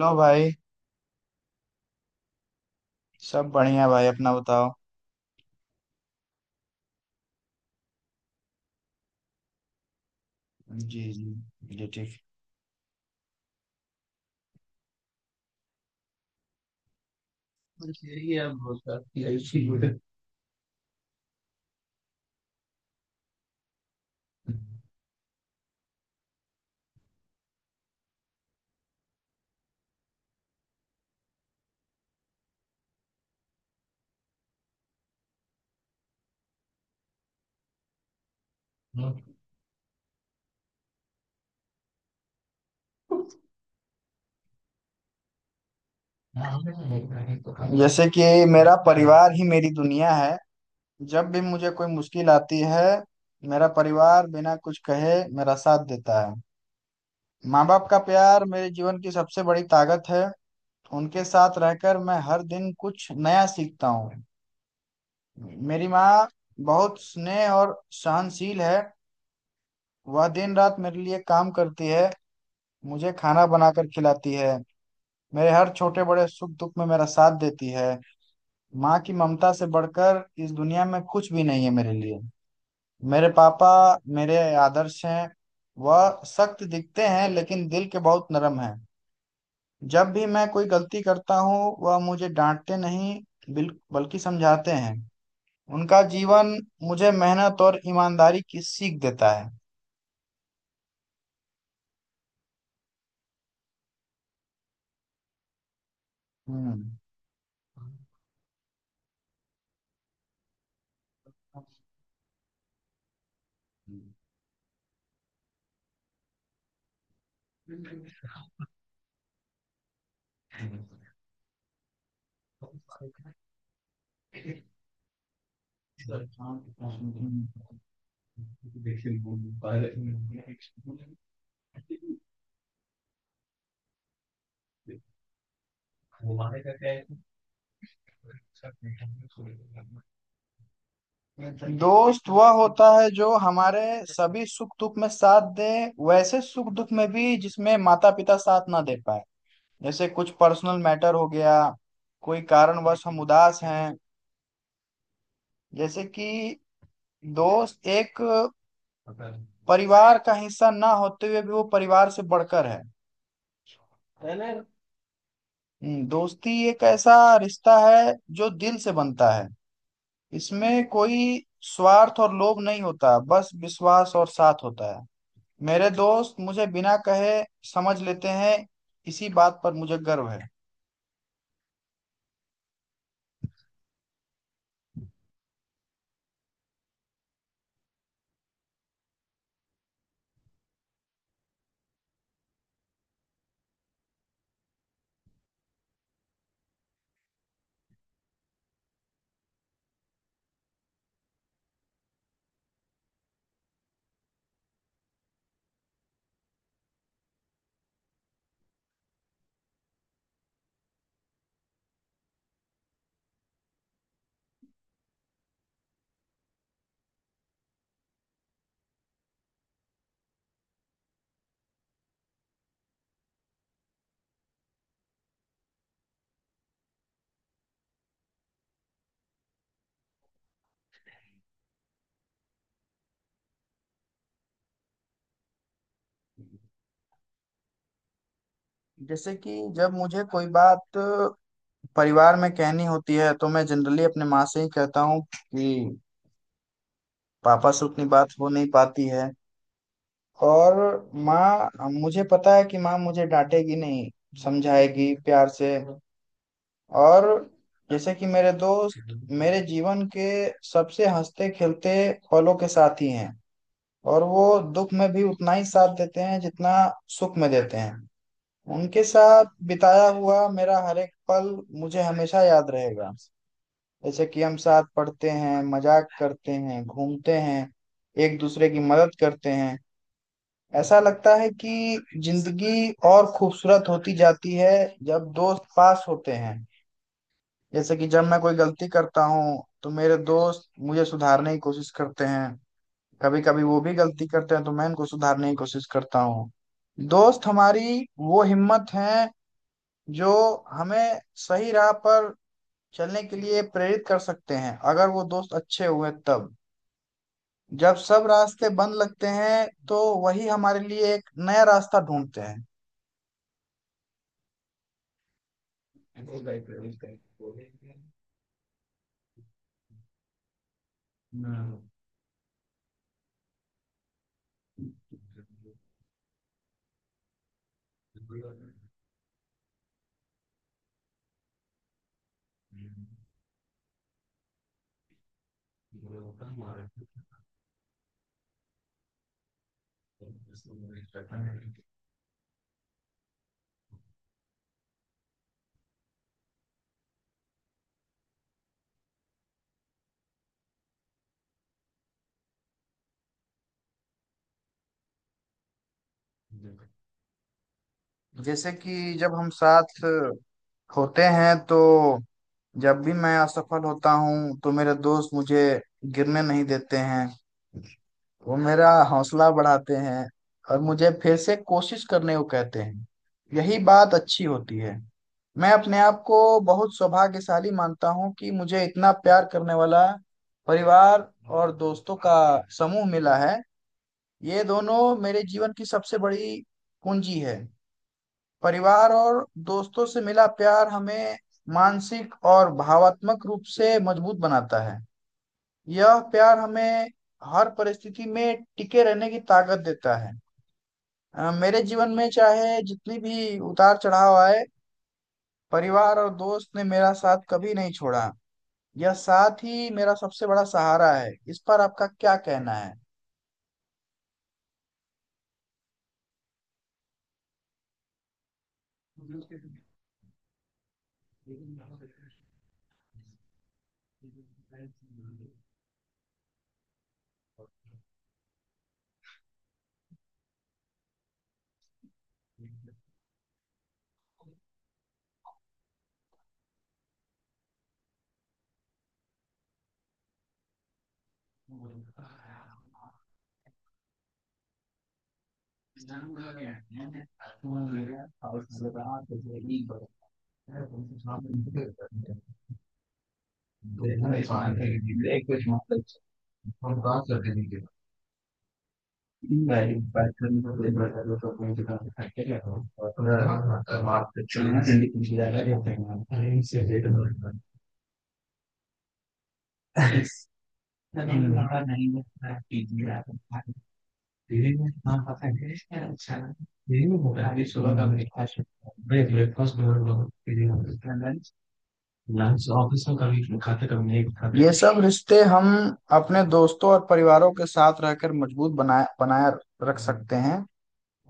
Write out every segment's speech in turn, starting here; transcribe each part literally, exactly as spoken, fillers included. लो भाई। सब बढ़िया भाई, अपना बताओ। जी जी जी, ठीक। बस यही है, बहुत सारी ऐसी है। जैसे कि मेरा परिवार ही मेरी दुनिया है। जब भी मुझे कोई मुश्किल आती है, मेरा परिवार बिना कुछ कहे मेरा साथ देता है। माँ बाप का प्यार मेरे जीवन की सबसे बड़ी ताकत है। उनके साथ रहकर मैं हर दिन कुछ नया सीखता हूँ। मेरी माँ बहुत स्नेह और सहनशील है। वह दिन रात मेरे लिए काम करती है, मुझे खाना बनाकर खिलाती है, मेरे हर छोटे बड़े सुख दुख में मेरा साथ देती है। माँ की ममता से बढ़कर इस दुनिया में कुछ भी नहीं है मेरे लिए। मेरे पापा मेरे आदर्श हैं। वह सख्त दिखते हैं लेकिन दिल के बहुत नरम हैं। जब भी मैं कोई गलती करता हूँ, वह मुझे डांटते नहीं, बिल- बल्कि समझाते हैं। उनका जीवन मुझे मेहनत और ईमानदारी की सीख देता है। हम्म दोस्त वह होता है जो हमारे सभी सुख दुख में साथ दे। वैसे सुख दुख में भी जिसमें माता पिता साथ ना दे पाए, जैसे कुछ पर्सनल मैटर हो गया, कोई कारणवश हम उदास हैं। जैसे कि दोस्त एक परिवार का हिस्सा ना होते हुए भी वो परिवार से बढ़कर है। हम्म, दोस्ती एक ऐसा रिश्ता है जो दिल से बनता है। इसमें कोई स्वार्थ और लोभ नहीं होता, बस विश्वास और साथ होता है। मेरे दोस्त मुझे बिना कहे समझ लेते हैं। इसी बात पर मुझे गर्व है। जैसे कि जब मुझे कोई बात परिवार में कहनी होती है, तो मैं जनरली अपने माँ से ही कहता हूँ कि पापा से उतनी बात हो नहीं पाती है। और माँ, मुझे पता है कि माँ मुझे डांटेगी नहीं, समझाएगी प्यार से। और जैसे कि मेरे दोस्त मेरे जीवन के सबसे हंसते खेलते पलों के साथी हैं। और वो दुख में भी उतना ही साथ देते हैं जितना सुख में देते हैं। उनके साथ बिताया हुआ मेरा हर एक पल मुझे हमेशा याद रहेगा। जैसे कि हम साथ पढ़ते हैं, मजाक करते हैं, घूमते हैं, एक दूसरे की मदद करते हैं। ऐसा लगता है कि जिंदगी और खूबसूरत होती जाती है जब दोस्त पास होते हैं। जैसे कि जब मैं कोई गलती करता हूँ तो मेरे दोस्त मुझे सुधारने की कोशिश करते हैं। कभी कभी वो भी गलती करते हैं तो मैं इनको सुधारने की कोशिश करता हूँ। दोस्त हमारी वो हिम्मत है जो हमें सही राह पर चलने के लिए प्रेरित कर सकते हैं, अगर वो दोस्त अच्छे हुए तब। जब सब रास्ते बंद लगते हैं तो वही हमारे लिए एक नया रास्ता ढूंढते हैं। जैसे कि जब हम साथ होते हैं तो जब भी मैं असफल होता हूँ तो मेरे दोस्त मुझे गिरने नहीं देते हैं। वो मेरा हौसला बढ़ाते हैं और मुझे फिर से कोशिश करने को कहते हैं। यही बात अच्छी होती है। मैं अपने आप को बहुत सौभाग्यशाली मानता हूँ कि मुझे इतना प्यार करने वाला परिवार और दोस्तों का समूह मिला है। ये दोनों मेरे जीवन की सबसे बड़ी पूंजी है। परिवार और दोस्तों से मिला प्यार हमें मानसिक और भावात्मक रूप से मजबूत बनाता है। यह प्यार हमें हर परिस्थिति में टिके रहने की ताकत देता है। अ, मेरे जीवन में चाहे जितनी भी उतार चढ़ाव आए, परिवार और दोस्त ने मेरा साथ कभी नहीं छोड़ा। यह साथ ही मेरा सबसे बड़ा सहारा है। इस पर आपका क्या कहना है? ये सब रिश्ते हम अपने दोस्तों और परिवारों के साथ रहकर मजबूत बनाए बनाए रख सकते हैं।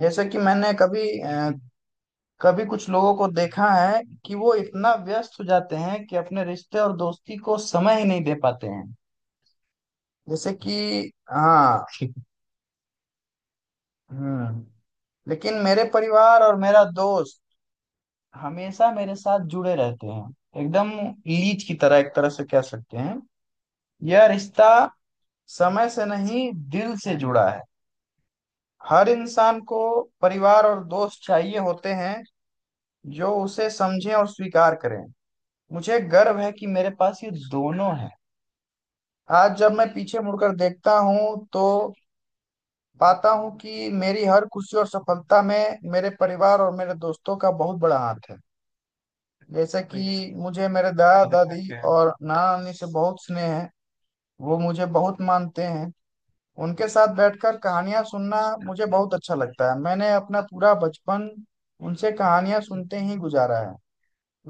जैसे कि मैंने कभी अ, कभी कुछ लोगों को देखा है कि वो इतना व्यस्त हो जाते हैं कि अपने रिश्ते और दोस्ती को समय ही नहीं दे पाते हैं। जैसे कि, हाँ, हम्म। लेकिन मेरे परिवार और मेरा दोस्त हमेशा मेरे साथ जुड़े रहते हैं, एकदम लीच की तरह, एक तरह से कह सकते हैं। यह रिश्ता समय से नहीं दिल से जुड़ा है। हर इंसान को परिवार और दोस्त चाहिए होते हैं जो उसे समझें और स्वीकार करें। मुझे गर्व है कि मेरे पास ये दोनों है। आज जब मैं पीछे मुड़कर देखता हूँ तो पाता हूँ कि मेरी हर खुशी और सफलता में मेरे परिवार और मेरे दोस्तों का बहुत बड़ा हाथ है। जैसे कि मुझे मेरे दादा दादी और नाना नानी से बहुत स्नेह है। वो मुझे बहुत मानते हैं। उनके साथ बैठकर कहानियां सुनना मुझे बहुत अच्छा लगता है। मैंने अपना पूरा बचपन उनसे कहानियां सुनते ही गुजारा है।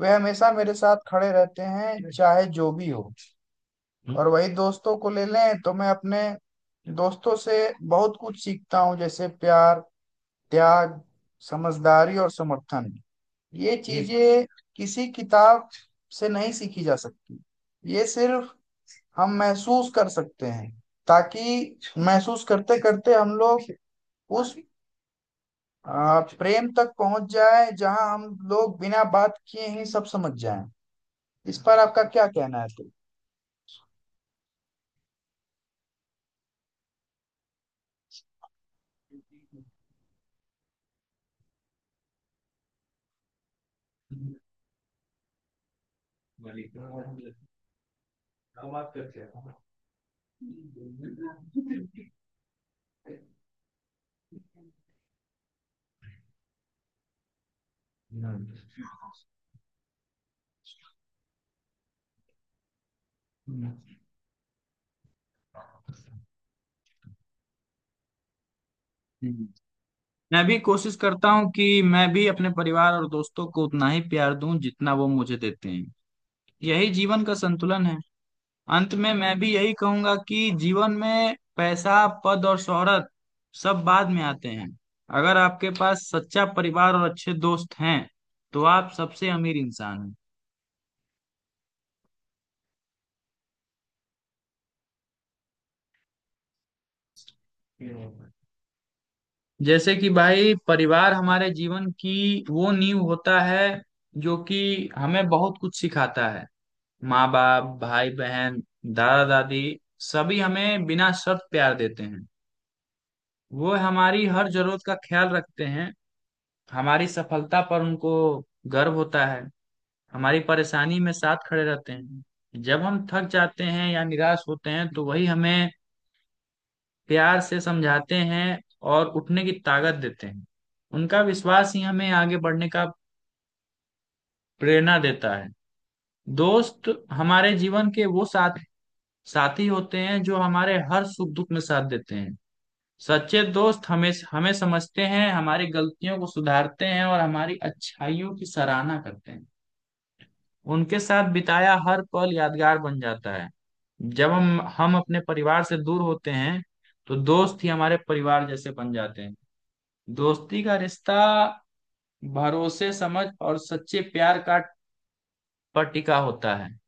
वे हमेशा मेरे साथ खड़े रहते हैं चाहे जो भी हो। और वही दोस्तों को ले लें तो मैं अपने दोस्तों से बहुत कुछ सीखता हूँ, जैसे प्यार, त्याग, समझदारी और समर्थन। ये ये चीजें किसी किताब से नहीं सीखी जा सकती। ये सिर्फ हम महसूस कर सकते हैं। ताकि महसूस करते करते हम लोग उस आ, प्रेम तक पहुंच जाए जहां हम लोग बिना बात किए ही सब समझ जाएं। इस पर आपका क्या कहना है? तो मैं भी कोशिश करता हूँ कि मैं भी अपने परिवार और दोस्तों को उतना ही प्यार दूं जितना वो मुझे देते हैं। यही जीवन का संतुलन है। अंत में मैं भी यही कहूंगा कि जीवन में पैसा पद और शोहरत सब बाद में आते हैं। अगर आपके पास सच्चा परिवार और अच्छे दोस्त हैं तो आप सबसे अमीर इंसान हैं। जैसे कि भाई, परिवार हमारे जीवन की वो नींव होता है जो कि हमें बहुत कुछ सिखाता है। माँ बाप, भाई बहन, दादा दादी सभी हमें बिना शर्त प्यार देते हैं। वो हमारी हर जरूरत का ख्याल रखते हैं। हमारी सफलता पर उनको गर्व होता है। हमारी परेशानी में साथ खड़े रहते हैं। जब हम थक जाते हैं या निराश होते हैं तो वही हमें प्यार से समझाते हैं और उठने की ताकत देते हैं। उनका विश्वास ही हमें आगे बढ़ने का प्रेरणा देता है। दोस्त हमारे जीवन के वो साथी साथी होते हैं जो हमारे हर सुख दुख में साथ देते हैं। सच्चे दोस्त हमें हमें समझते हैं, हमारी गलतियों को सुधारते हैं और हमारी अच्छाइयों की सराहना करते हैं। उनके साथ बिताया हर पल यादगार बन जाता है। जब हम हम अपने परिवार से दूर होते हैं तो दोस्त ही हमारे परिवार जैसे बन जाते हैं। दोस्ती का रिश्ता भरोसे समझ और सच्चे प्यार का पर टिका होता है।